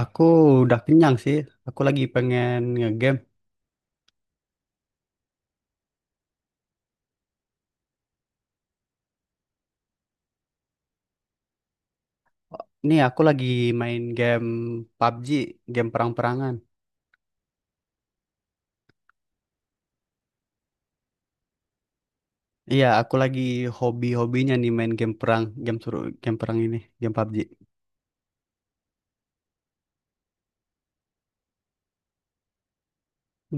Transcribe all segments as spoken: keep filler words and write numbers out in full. Aku udah kenyang sih. Aku lagi pengen ngegame. Nih, aku lagi main game P U B G, game perang-perangan. Iya, aku lagi hobi-hobinya nih main game perang, game suruh game perang ini, game pubji.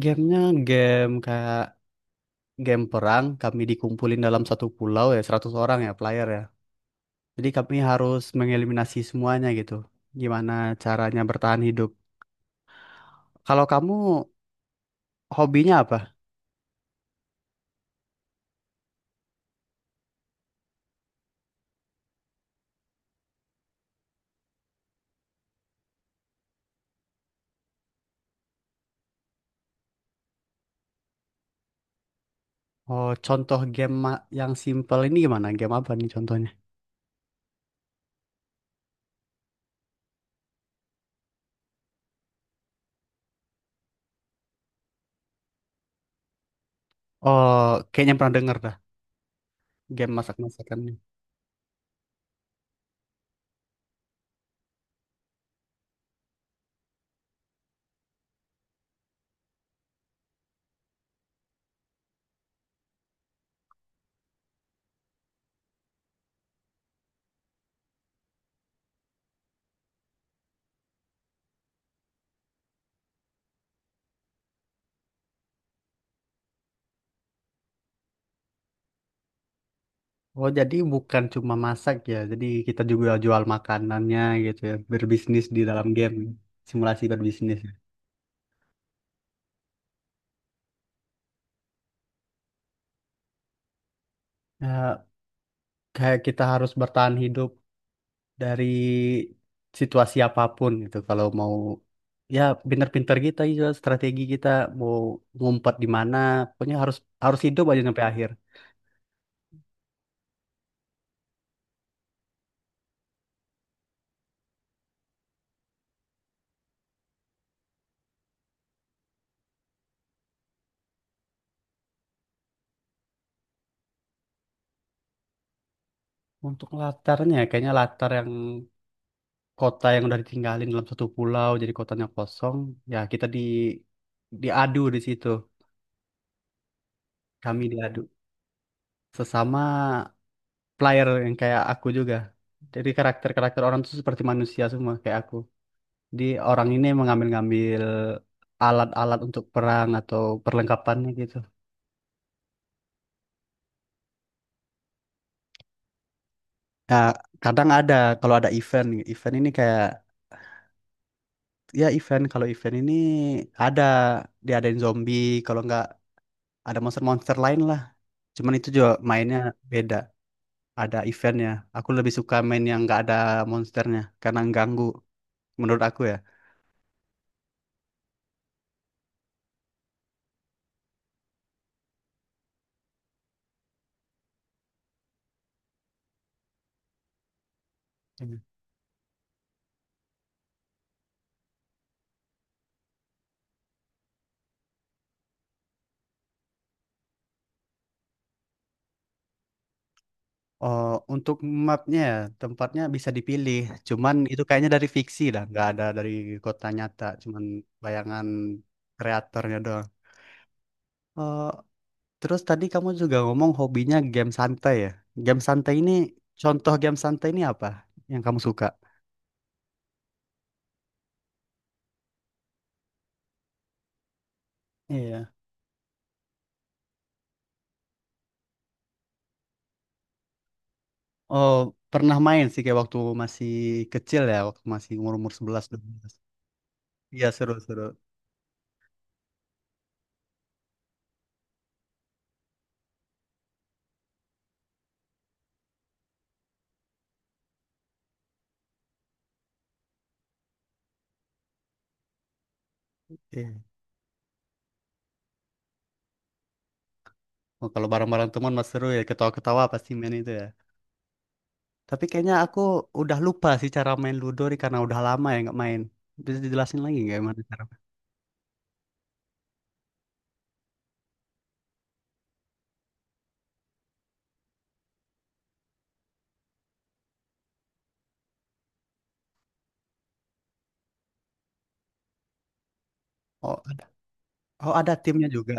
Gamenya game kayak game perang, kami dikumpulin dalam satu pulau ya, seratus orang ya player ya. Jadi kami harus mengeliminasi semuanya gitu. Gimana caranya bertahan hidup. Kalau kamu hobinya apa? Oh, contoh game ma- yang simple ini gimana? Game apa nih contohnya? Oh, kayaknya pernah denger dah game masak-masakannya. Oh, jadi bukan cuma masak ya. Jadi kita juga jual makanannya gitu ya. Berbisnis di dalam game. Simulasi berbisnis. Ya, Eh, kayak kita harus bertahan hidup dari situasi apapun gitu. Kalau mau ya pinter-pinter kita juga strategi kita mau ngumpet di mana. Pokoknya harus harus hidup aja sampai akhir. Untuk latarnya kayaknya latar yang kota yang udah ditinggalin dalam satu pulau, jadi kotanya kosong ya kita di diadu di situ. Kami diadu sesama player yang kayak aku juga, jadi karakter-karakter orang tuh seperti manusia semua kayak aku. Di orang ini mengambil-ngambil alat-alat untuk perang atau perlengkapannya gitu. Ya kadang ada, kalau ada event event ini kayak, ya event, kalau event ini ada diadain zombie, kalau nggak ada monster-monster lain lah. Cuman itu juga mainnya beda, ada eventnya. Aku lebih suka main yang nggak ada monsternya karena ganggu menurut aku ya. Hmm. Oh, untuk mapnya ya, tempatnya bisa dipilih. Cuman itu kayaknya dari fiksi lah, nggak ada dari kota nyata. Cuman bayangan kreatornya doang. Oh, terus tadi kamu juga ngomong hobinya game santai ya. Game santai ini, contoh game santai ini apa yang kamu suka? Iya. Oh, pernah main sih kayak waktu masih kecil ya, waktu masih umur-umur sebelas dua belas. Iya, seru-seru. Iya. Oh, kalau bareng-bareng teman mas seru ya, ketawa-ketawa pasti main itu ya. Tapi kayaknya aku udah lupa sih cara main Ludo nih karena udah lama ya nggak main. Bisa dijelasin lagi nggak gimana cara? Oh ada, oh ada timnya juga.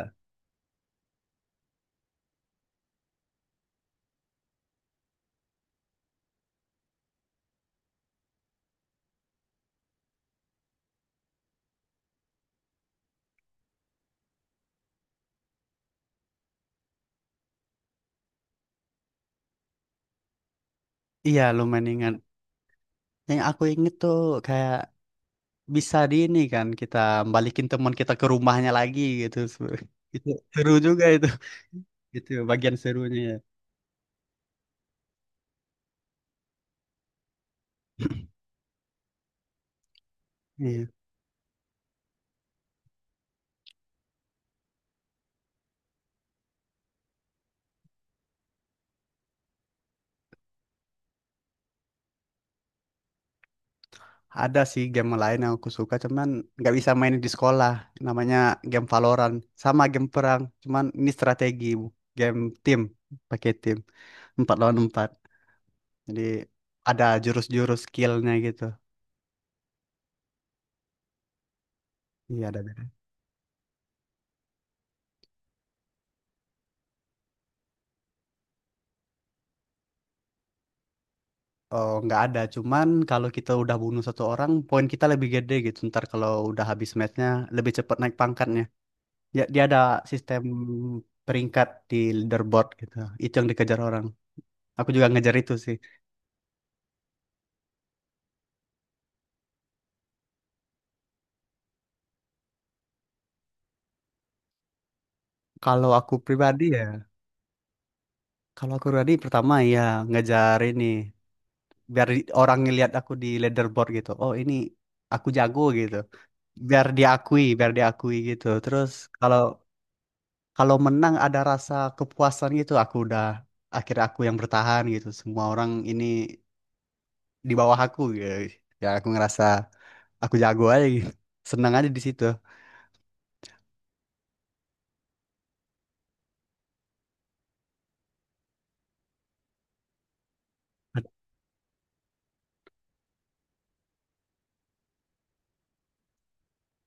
Iya lumayan ingat. Yang aku inget tuh kayak bisa di ini kan kita balikin teman kita ke rumahnya lagi gitu. Itu seru juga itu. Itu bagian serunya ya. Iya. Ada sih game lain yang aku suka, cuman nggak bisa main di sekolah. Namanya game Valorant, sama game perang. Cuman ini strategi, game tim, pakai tim, empat lawan empat. Jadi ada jurus-jurus skillnya gitu. Iya ada. Ben. Oh nggak ada, cuman kalau kita udah bunuh satu orang, poin kita lebih gede gitu. Ntar kalau udah habis matchnya, lebih cepet naik pangkatnya. Ya, dia ada sistem peringkat di leaderboard gitu. Itu yang dikejar orang. Aku juga ngejar itu sih. Kalau aku pribadi ya. Kalau aku tadi pertama ya ngejar ini biar di- orang ngelihat aku di leaderboard gitu. Oh ini aku jago gitu. Biar diakui, biar diakui gitu. Terus kalau kalau menang ada rasa kepuasan gitu. Aku udah akhirnya aku yang bertahan gitu. Semua orang ini di bawah aku gitu. Ya aku ngerasa aku jago aja gitu. Senang aja di situ.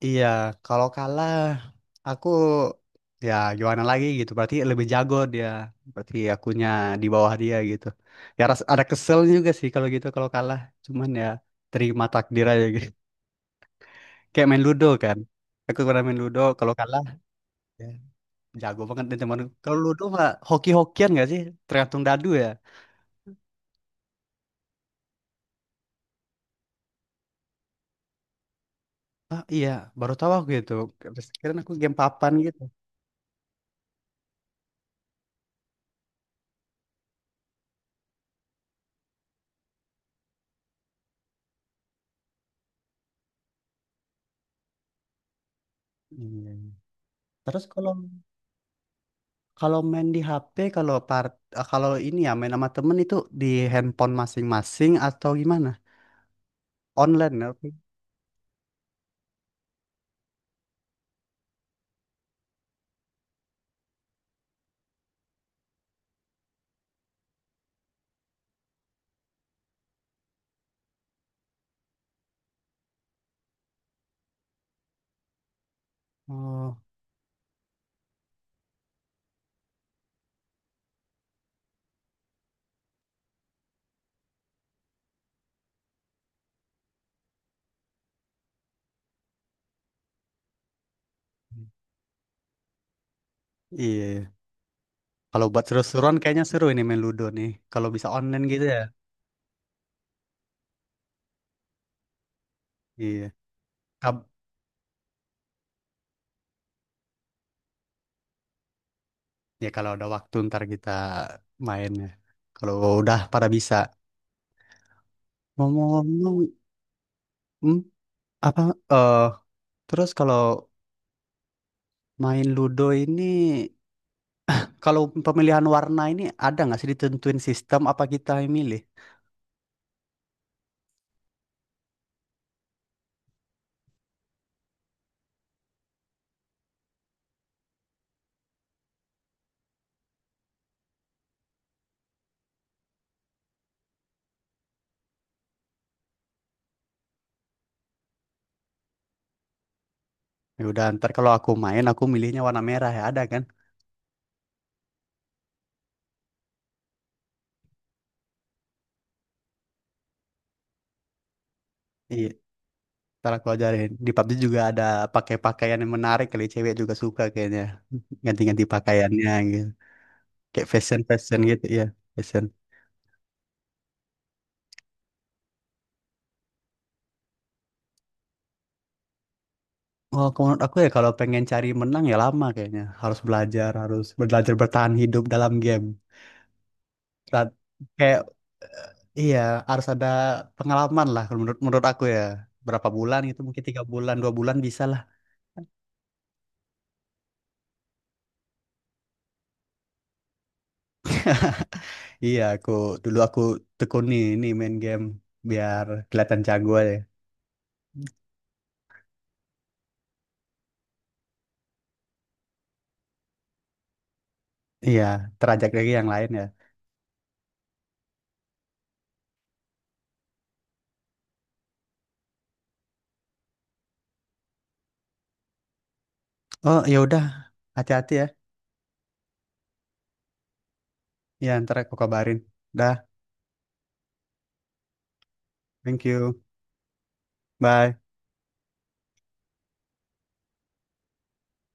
Iya, kalau kalah aku ya gimana lagi gitu. Berarti lebih jago dia. Berarti akunya di bawah dia gitu. Ya ras- ada kesel juga sih kalau gitu kalau kalah. Cuman ya terima takdir aja gitu. Kayak main ludo kan. Aku pernah main ludo kalau kalah ya jago banget nih teman. Kalau ludo mah hoki-hokian gak sih? Tergantung dadu ya. Ah iya, baru tahu aku itu. Terus Kirain aku game papan gitu. Iya. Terus kalau Kalau main di H P, kalau part, eh, kalau ini ya main sama temen itu di handphone masing-masing atau gimana? Online ya? oke. Oh iya. iya. Kalau buat seru-seruan kayaknya seru ini main Ludo nih. Kalau bisa online gitu ya. Iya. Kab- ya kalau ada waktu ntar kita main ya. Kalau udah pada bisa. Ngomong-ngomong, hmm, apa? Eh terus kalau main Ludo ini, kalau pemilihan warna ini ada nggak sih ditentuin sistem apa kita yang milih? Ya udah ntar kalau aku main aku milihnya warna merah ya ada kan? Iya. Ntar aku ajarin. Di pubji juga ada pakai pakaian yang menarik kali cewek juga suka kayaknya ganti-ganti pakaiannya gitu. Kayak fashion fashion gitu ya fashion. Oh, kalau menurut aku ya kalau pengen cari menang ya lama kayaknya. Harus belajar, harus belajar bertahan hidup dalam game. Ra- Kayak iya harus ada pengalaman lah kalau menurut menurut aku ya. Berapa bulan gitu, mungkin tiga bulan dua bulan bisa. Iya, aku dulu aku tekuni ini main game biar kelihatan jago aja. Iya, terajak lagi yang lain ya. Oh, ya udah. Hati-hati ya. Ya, ntar aku kabarin. Dah, thank you. Bye.